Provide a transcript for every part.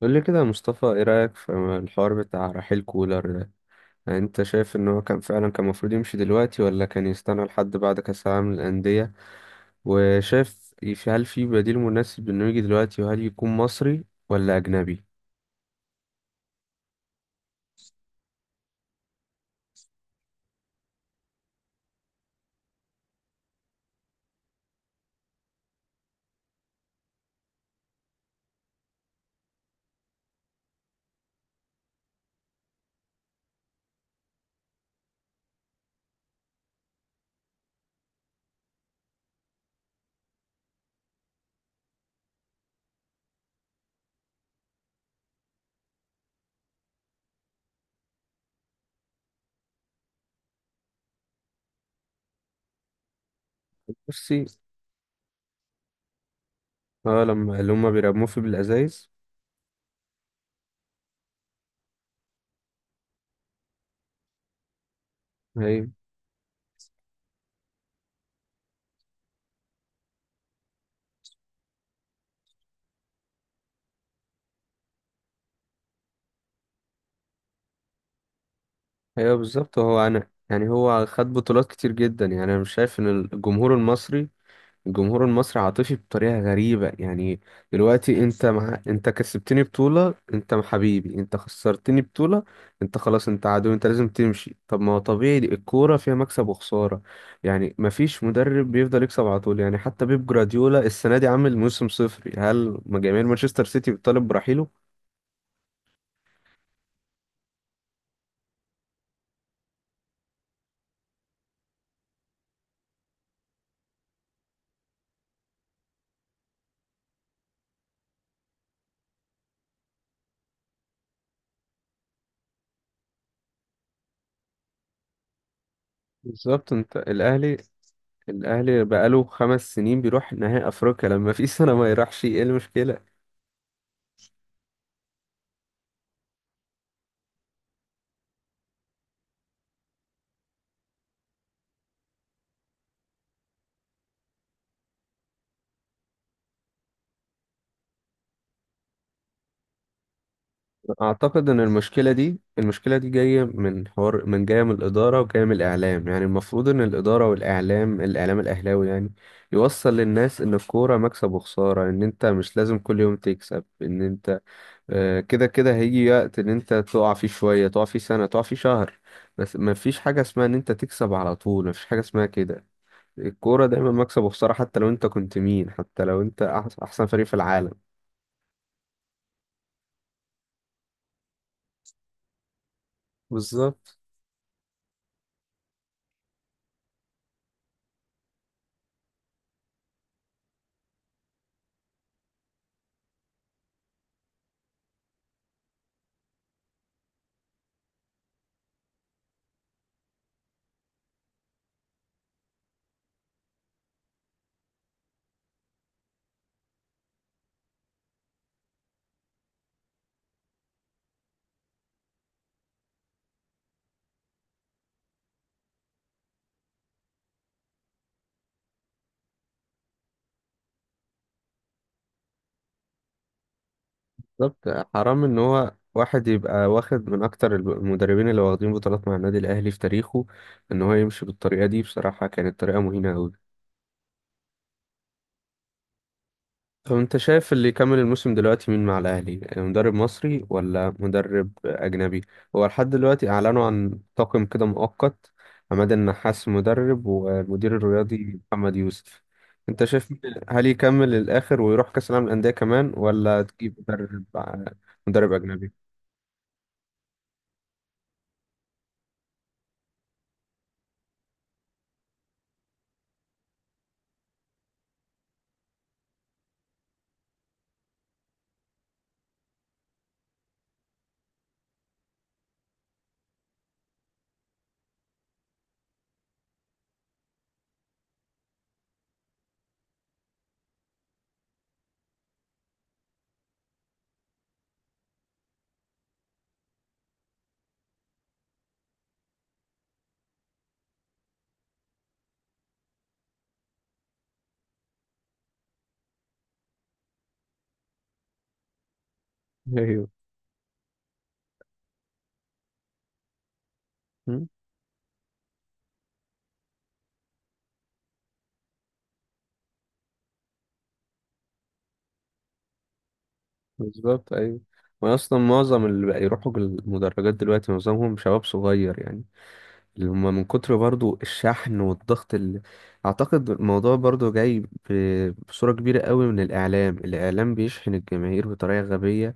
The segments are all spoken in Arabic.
قول لي كده يا مصطفى، ايه رأيك في الحوار بتاع رحيل كولر ده؟ يعني انت شايف ان هو كان فعلا كان المفروض يمشي دلوقتي ولا كان يستنى لحد بعد كأس العالم للأندية؟ وشايف هل في بديل مناسب انه يجي دلوقتي، وهل يكون مصري ولا أجنبي؟ بصي، اه، لما اللي هما بيرموه في بالأزايز. ايوه، ايوه، بالظبط. هو انا يعني هو خد بطولات كتير جدا، يعني انا مش شايف ان الجمهور المصري عاطفي بطريقة غريبة. يعني دلوقتي انت انت كسبتني بطولة انت حبيبي، انت خسرتني بطولة انت خلاص انت عدو انت لازم تمشي. طب ما هو طبيعي الكورة فيها مكسب وخسارة، يعني مفيش مدرب بيفضل يكسب على طول. يعني حتى بيب جراديولا السنة دي عامل موسم صفري، هل جماهير مانشستر سيتي بتطالب برحيله؟ بالظبط. انت الاهلي بقاله 5 سنين بيروح نهائي افريقيا، لما في سنة ما يروحش ايه المشكلة؟ اعتقد ان المشكله دي جايه من الاداره وجايه من الاعلام، يعني المفروض ان الاداره والاعلام، الاهلاوي يعني يوصل للناس ان الكوره مكسب وخساره، ان انت مش لازم كل يوم تكسب، ان انت كده كده هيجي وقت ان انت تقع فيه شويه، تقع فيه سنه، تقع فيه شهر. بس ما فيش حاجه اسمها ان انت تكسب على طول، ما فيش حاجه اسمها كده. الكوره دايما مكسب وخساره، حتى لو انت كنت مين، حتى لو انت احسن فريق في العالم. بالظبط، بالظبط. حرام ان هو واحد يبقى واخد من اكتر المدربين اللي واخدين بطولات مع النادي الاهلي في تاريخه، ان هو يمشي بالطريقه دي. بصراحه كانت طريقه مهينه قوي. طب انت شايف اللي يكمل الموسم دلوقتي مين مع الاهلي، مدرب مصري ولا مدرب اجنبي؟ هو لحد دلوقتي اعلنوا عن طاقم كده مؤقت: عماد النحاس مدرب، والمدير الرياضي محمد يوسف. انت شايف هل يكمل للاخر ويروح كاس العالم للانديه كمان، ولا تجيب مدرب؟ مدرب اجنبي. ايوه بالظبط. ايوه، واصلا معظم اللي بقى يروحوا المدرجات دلوقتي معظمهم شباب صغير، يعني اللي هم من كتر برضو الشحن والضغط اللي... اعتقد الموضوع برضو جاي بصورة كبيرة قوي من الاعلام. الاعلام بيشحن الجماهير بطريقة غبية،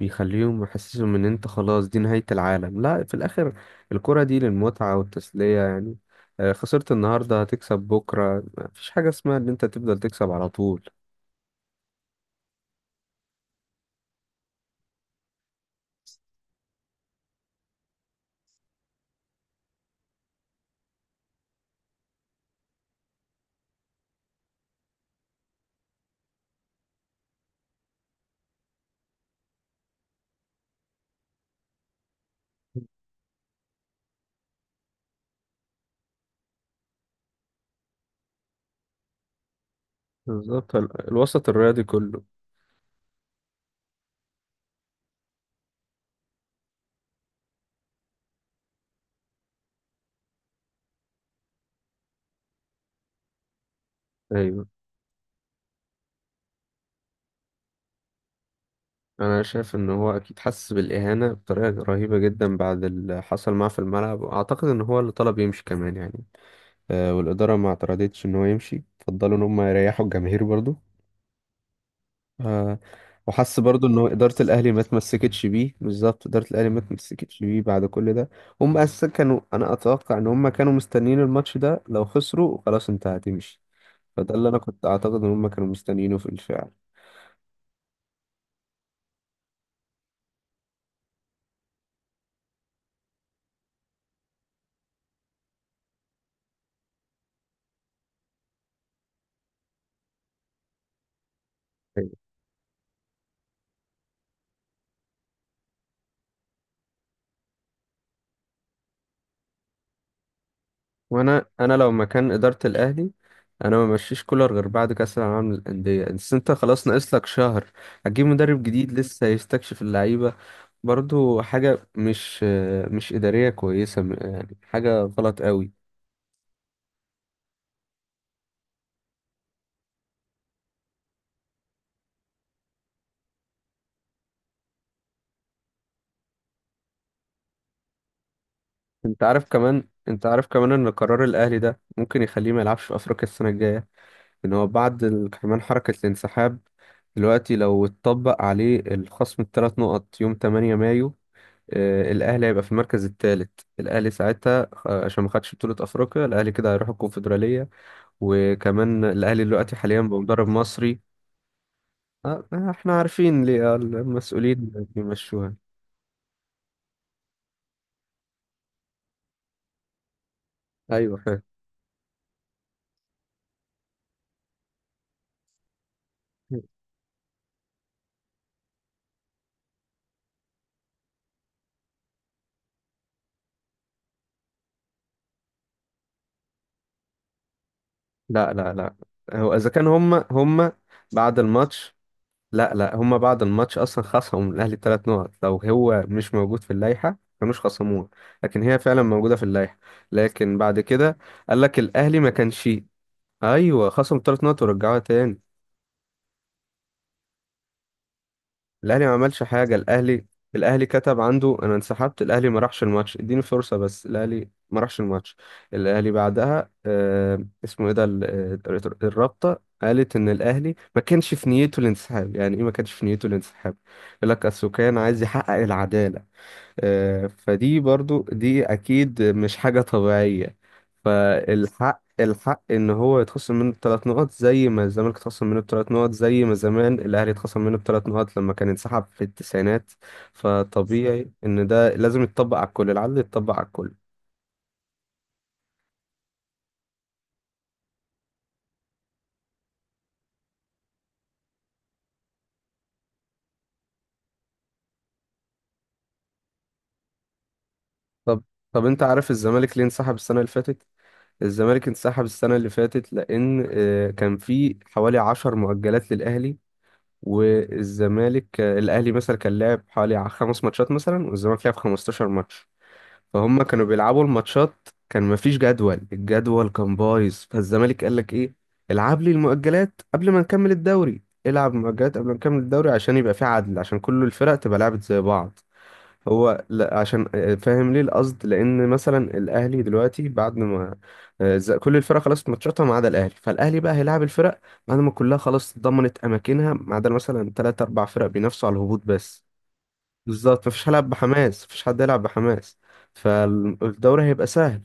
بيخليهم يحسسهم ان انت خلاص دي نهاية العالم. لا، في الاخر الكرة دي للمتعة والتسلية، يعني خسرت النهاردة هتكسب بكرة. مفيش حاجة اسمها ان انت تفضل تكسب على طول. بالظبط الوسط الرياضي كله. ايوه، انا شايف ان هو اكيد حس بالاهانه بطريقه رهيبه جدا بعد اللي حصل معاه في الملعب، واعتقد ان هو اللي طلب يمشي كمان يعني. آه، والاداره ما اعترضتش ان هو يمشي، فضلوا ان هم يريحوا الجماهير برضو. آه، وحس برضو ان هو اداره الاهلي ما تمسكتش بيه. بالظبط، اداره الاهلي ما تمسكتش بيه بعد كل ده. هم اساسا كانوا، انا اتوقع ان هم كانوا مستنيين الماتش ده، لو خسروا خلاص انت هتمشي. فده اللي انا كنت اعتقد ان هم كانوا مستنيينه في الفعل. وانا لو مكان اداره الاهلي انا ما مشيش كولر غير بعد كاس العالم للانديه، بس انت خلاص ناقص لك شهر. هتجيب مدرب جديد لسه هيستكشف اللعيبه، برضو حاجه مش اداريه كويسه، يعني حاجه غلط قوي. انت عارف كمان، انت عارف كمان ان قرار الاهلي ده ممكن يخليه ما يلعبش في افريقيا السنه الجايه، ان هو بعد كمان حركه الانسحاب، دلوقتي لو اتطبق عليه الخصم ال3 نقط يوم 8 مايو، آه، الاهلي هيبقى في المركز الثالث. الاهلي ساعتها، آه، عشان ما خدش بطوله افريقيا، الاهلي كده هيروح الكونفدراليه. وكمان الاهلي دلوقتي حاليا بمدرب مصري. آه، آه، احنا عارفين ليه، آه، المسؤولين بيمشوها. ايوه فاهم. لا لا لا، هو اذا كان هم بعد الماتش... لا لا، هم بعد الماتش اصلا خصموا الاهلي 3 نقط. لو هو مش موجود في اللائحه كانوش خصموه، لكن هي فعلا موجوده في اللائحه. لكن بعد كده قال لك الاهلي ما كانش... ايوه، خصم 3 نقط ورجعوها تاني. الاهلي ما عملش حاجه. الاهلي، الاهلي كتب عنده انا انسحبت، الاهلي ما راحش الماتش، اديني فرصه، بس الاهلي ما راحش الماتش. الاهلي بعدها آه، اسمه ايه ده الرابطه قالت ان الاهلي ما كانش في نيته الانسحاب. يعني ايه ما كانش في نيته الانسحاب؟ يقول لك اصل كان عايز يحقق العداله. آه، فدي برضو دي اكيد مش حاجة طبيعية. فالحق، الحق ان هو يتخصم منه ال3 نقط زي ما الزمالك اتخصم منه ال3 نقط، زي ما زمان الاهلي اتخصم منه ال3 نقط لما كان انسحب في التسعينات. فطبيعي ان ده لازم يتطبق على الكل، العدل يتطبق على الكل. طب طب انت عارف الزمالك ليه انسحب السنة اللي فاتت؟ الزمالك انسحب السنة اللي فاتت لأن، آه، كان في حوالي 10 مؤجلات للأهلي. والزمالك، آه، الاهلي مثلا كان لعب حوالي 5 ماتشات مثلا، والزمالك لعب 15 ماتش. فهم كانوا بيلعبوا الماتشات، كان مفيش جدول، الجدول كان بايظ. فالزمالك قال لك ايه: العب لي المؤجلات قبل ما نكمل الدوري، العب مؤجلات قبل ما نكمل الدوري عشان يبقى في عدل، عشان كل الفرق تبقى لعبت زي بعض. هو لا، عشان، آه، فاهم ليه القصد، لان مثلا الاهلي دلوقتي بعد ما، آه، كل الفرق خلاص ماتشاتها ما عدا الاهلي. فالاهلي بقى هيلاعب الفرق بعد ما كلها خلاص ضمنت اماكنها ما عدا مثلا 3 4 فرق بينافسوا على الهبوط بس. بالظبط، مفيش هيلعب بحماس، مفيش حد يلعب بحماس. فالدوري هيبقى سهل.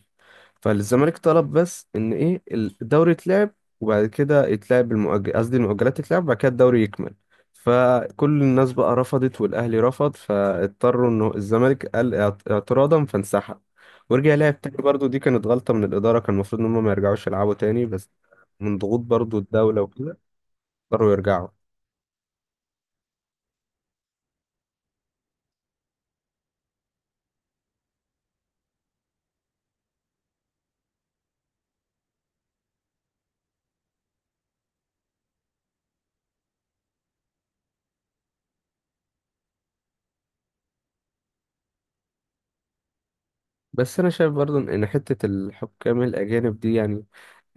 فالزمالك طلب بس ان ايه الدوري يتلعب، وبعد كده يتلعب المؤجل، قصدي المؤجلات تتلعب، وبعد كده الدوري يكمل. فكل الناس بقى رفضت، والاهلي رفض، فاضطروا انه الزمالك قال اعتراضا فانسحب، ورجع لعب تاني. برضه دي كانت غلطة من الإدارة، كان المفروض إن هم ما يرجعوش يلعبوا تاني، بس من ضغوط برضه الدولة وكده اضطروا يرجعوا. بس أنا شايف برضه إن حتة الحكام الأجانب دي يعني،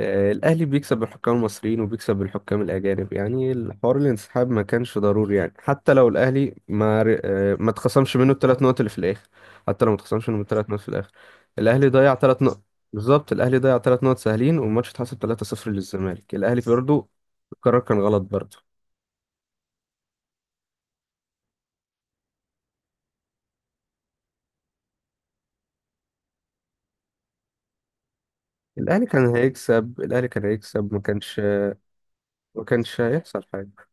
آه، الأهلي بيكسب الحكام المصريين وبيكسب الحكام الأجانب، يعني الحوار الانسحاب ما كانش ضروري. يعني حتى لو الأهلي ما ر- آه، ما اتخصمش منه ال3 نقط اللي في الآخر، حتى لو ما اتخصمش منه ال3 نقط في الآخر، الأهلي ضيع 3 نقط. بالظبط، الأهلي ضيع ثلاث نقط سهلين، والماتش اتحسب 3-0 للزمالك. الأهلي برضه، القرار كان غلط برضه. الأهلي كان هيكسب. ما كانش هيحصل حاجة.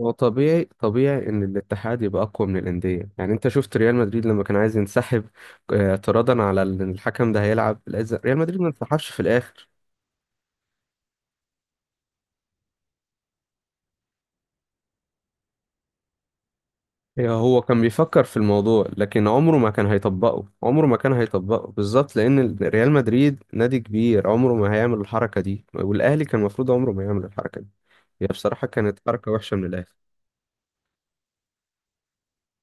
هو طبيعي ان الاتحاد يبقى اقوى من الانديه. يعني انت شفت ريال مدريد لما كان عايز ينسحب، آه، اعتراضا على ان الحكم ده هيلعب ريال مدريد ما انسحبش في الاخر. هو كان بيفكر في الموضوع، لكن عمره ما كان هيطبقه، عمره ما كان هيطبقه بالظبط، لان ريال مدريد نادي كبير عمره ما هيعمل الحركه دي. والاهلي كان المفروض عمره ما يعمل الحركه دي. هي بصراحه كانت حركه وحشه من الاخر.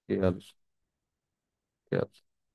يلا، يلا.